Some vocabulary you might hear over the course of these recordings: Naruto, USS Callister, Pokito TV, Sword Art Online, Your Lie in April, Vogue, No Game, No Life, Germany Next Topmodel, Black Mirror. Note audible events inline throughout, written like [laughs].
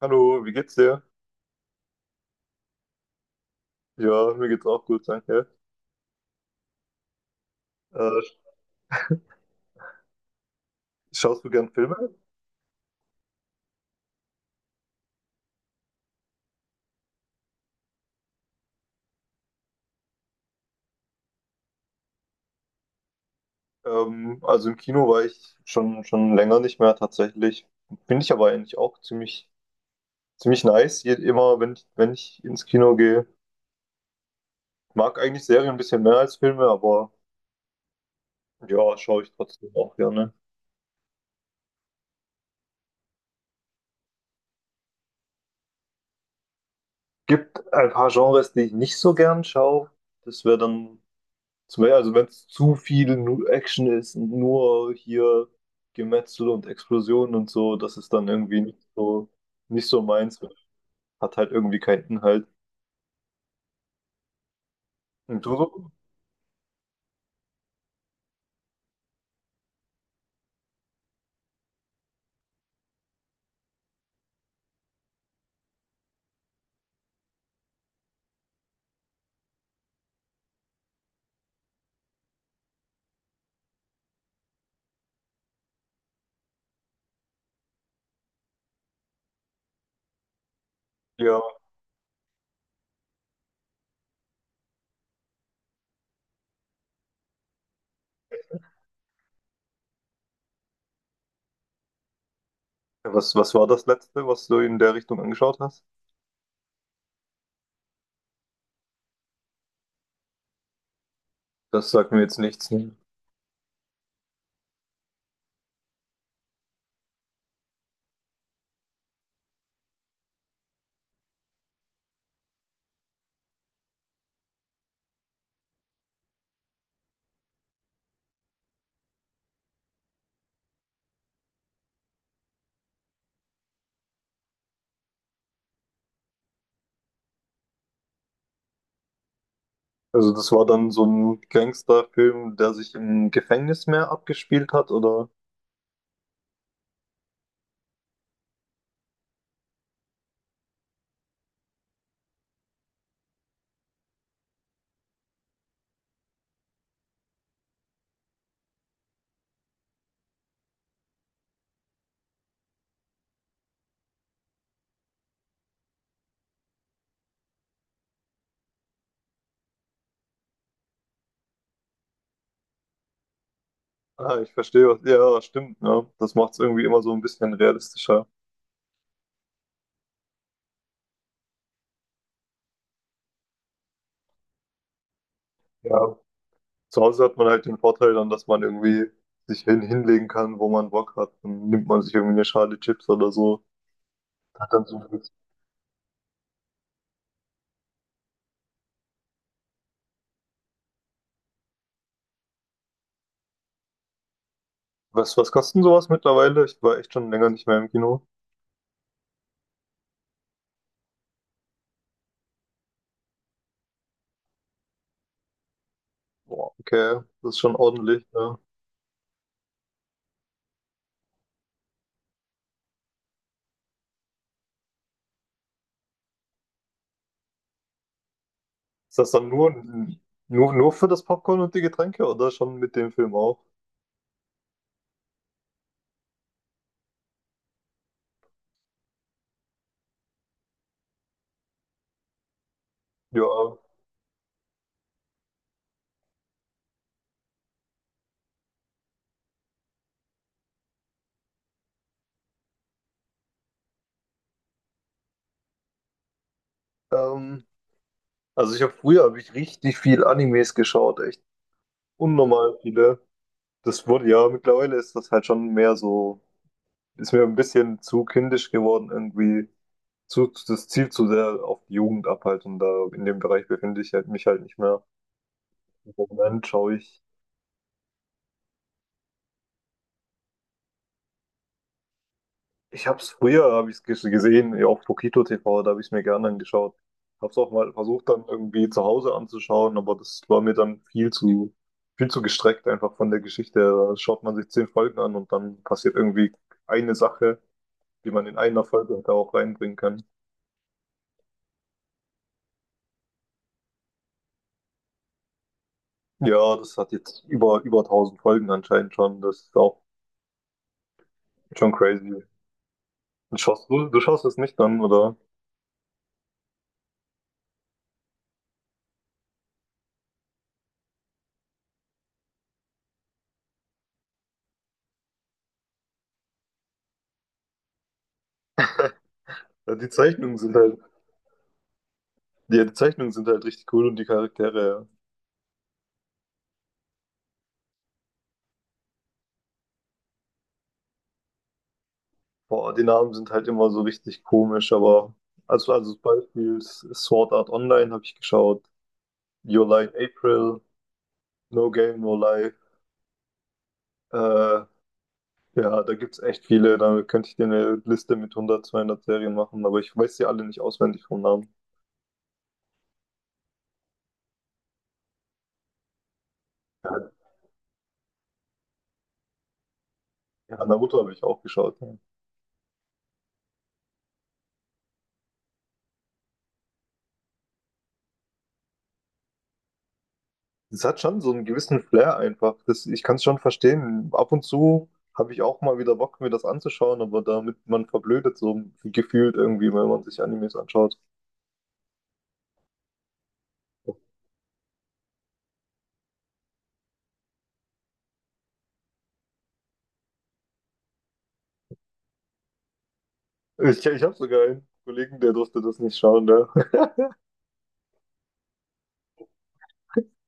Hallo, wie geht's dir? Ja, mir geht's auch gut, danke. Äh, Schaust du gern Filme? Also im Kino war ich schon länger nicht mehr tatsächlich. Finde ich aber eigentlich auch ziemlich nice. Immer, wenn ich ins Kino gehe. Mag eigentlich Serien ein bisschen mehr als Filme, aber ja, schaue ich trotzdem auch gerne. Gibt ein paar Genres, die ich nicht so gern schaue. Das wäre dann zum Beispiel, also wenn es zu viel Action ist und nur hier Gemetzel und Explosionen und so, das ist dann irgendwie nicht so meins, hat halt irgendwie keinen Inhalt. Und du so? Ja, was war das letzte, was du in der Richtung angeschaut hast? Das sagt mir jetzt nichts, ne? Also das war dann so ein Gangsterfilm, der sich im Gefängnis mehr abgespielt hat, oder? Ah, ich verstehe was. Ja, stimmt, ja. Das macht es irgendwie immer so ein bisschen realistischer. Ja. Zu Hause hat man halt den Vorteil dann, dass man irgendwie sich hinlegen kann, wo man Bock hat. Dann nimmt man sich irgendwie eine Schale Chips oder so. Hat dann so was kostet sowas mittlerweile? Ich war echt schon länger nicht mehr im Kino. Boah, okay, das ist schon ordentlich. Ja. Ist das dann nur für das Popcorn und die Getränke oder schon mit dem Film auch? Ja. Ähm, also ich habe früher hab ich richtig viel Animes geschaut, echt unnormal viele. Das wurde ja, mittlerweile ist das halt schon mehr so, ist mir ein bisschen zu kindisch geworden irgendwie. Das zielt zu sehr auf die Jugend ab halt und da in dem Bereich mich halt nicht mehr. Im Moment schaue ich, ich habe es früher, habe ich es gesehen, ja, auf Pokito TV, da habe ich es mir gerne angeschaut. Habe es auch mal versucht dann irgendwie zu Hause anzuschauen, aber das war mir dann viel zu gestreckt einfach von der Geschichte her. Da schaut man sich 10 Folgen an und dann passiert irgendwie eine Sache, die man in einer Folge da auch reinbringen kann. Ja, das hat jetzt über 1.000 Folgen anscheinend schon. Das ist auch schon crazy. Du schaust das nicht an, oder? Ja, die Zeichnungen sind ja, die Zeichnungen sind halt richtig cool und die Charaktere, ja. Boah, die Namen sind halt immer so richtig komisch, aber also zum Beispiel Sword Art Online habe ich geschaut, Your Lie in April, No Game, No Life, äh, ja, da gibt's echt viele, da könnte ich dir eine Liste mit 100, 200 Serien machen, aber ich weiß sie alle nicht auswendig vom Namen. Ja, Naruto habe ich auch geschaut. Ja. Es hat schon so einen gewissen Flair einfach. Das, ich kann es schon verstehen. Ab und zu habe ich auch mal wieder Bock, mir das anzuschauen, aber damit man verblödet so gefühlt irgendwie, wenn man sich Animes anschaut. Ich habe sogar einen Kollegen, der durfte das nicht schauen. Der. [laughs] Ich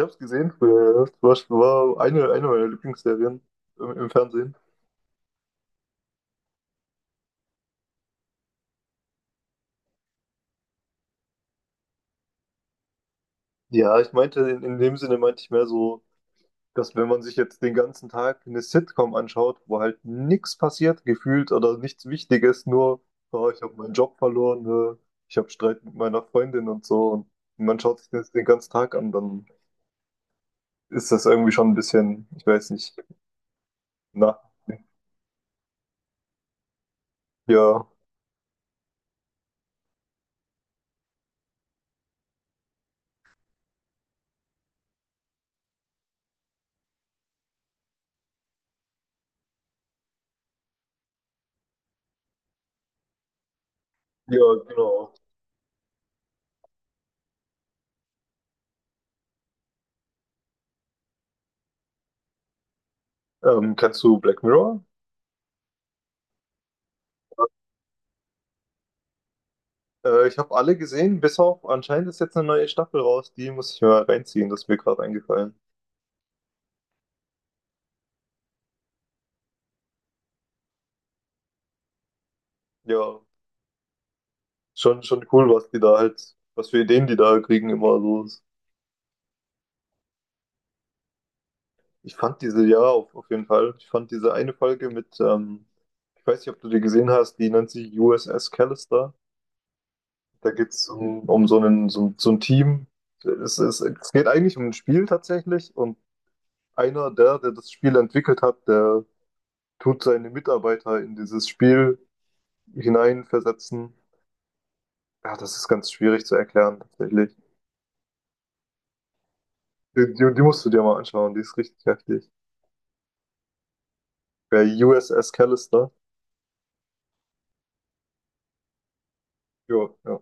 habe es gesehen früher, ja. Das war eine meiner Lieblingsserien im Fernsehen. Ja, ich meinte, in dem Sinne meinte ich mehr so, dass wenn man sich jetzt den ganzen Tag eine Sitcom anschaut, wo halt nichts passiert, gefühlt oder nichts Wichtiges, nur, oh, ich habe meinen Job verloren, äh, ich habe Streit mit meiner Freundin und so, und man schaut sich das den ganzen Tag an, dann ist das irgendwie schon ein bisschen, ich weiß nicht, na, ja, ja, genau. Kennst du Black Mirror? Ich habe alle gesehen, bis auf anscheinend ist jetzt eine neue Staffel raus, die muss ich mal reinziehen, das ist mir gerade eingefallen. Ja, schon cool, was die da halt, was für Ideen die da kriegen immer so. Ich fand ja, auf jeden Fall. Ich fand diese eine Folge mit, ich weiß nicht, ob du die gesehen hast, die nennt sich USS Callister. Da geht es um so so ein Team. Es geht eigentlich um ein Spiel tatsächlich und einer der das Spiel entwickelt hat, der tut seine Mitarbeiter in dieses Spiel hineinversetzen. Ja, das ist ganz schwierig zu erklären tatsächlich. Die musst du dir mal anschauen, die ist richtig heftig. Bei USS Callister. Jo, ja.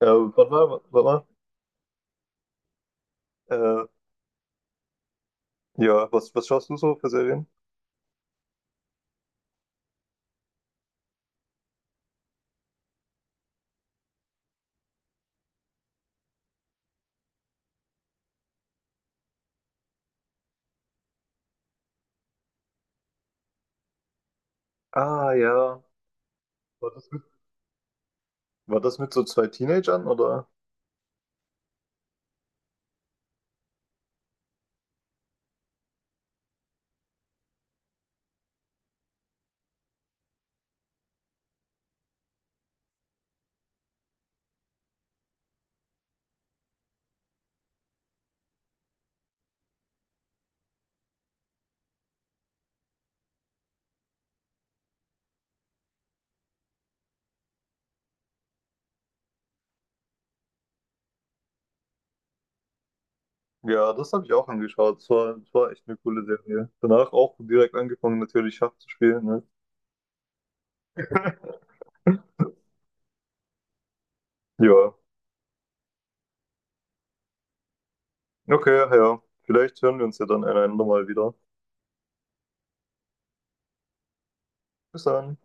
Warte mal. Äh, Ja, was schaust du so für Serien? Ah, ja. War das mit, War das mit so zwei Teenagern, oder? Ja, das habe ich auch angeschaut. Es war echt eine coole Serie. Danach auch direkt angefangen, natürlich Schach zu spielen, ne? Ja. Okay, ja. Vielleicht hören wir uns ja dann einander mal wieder. Bis dann.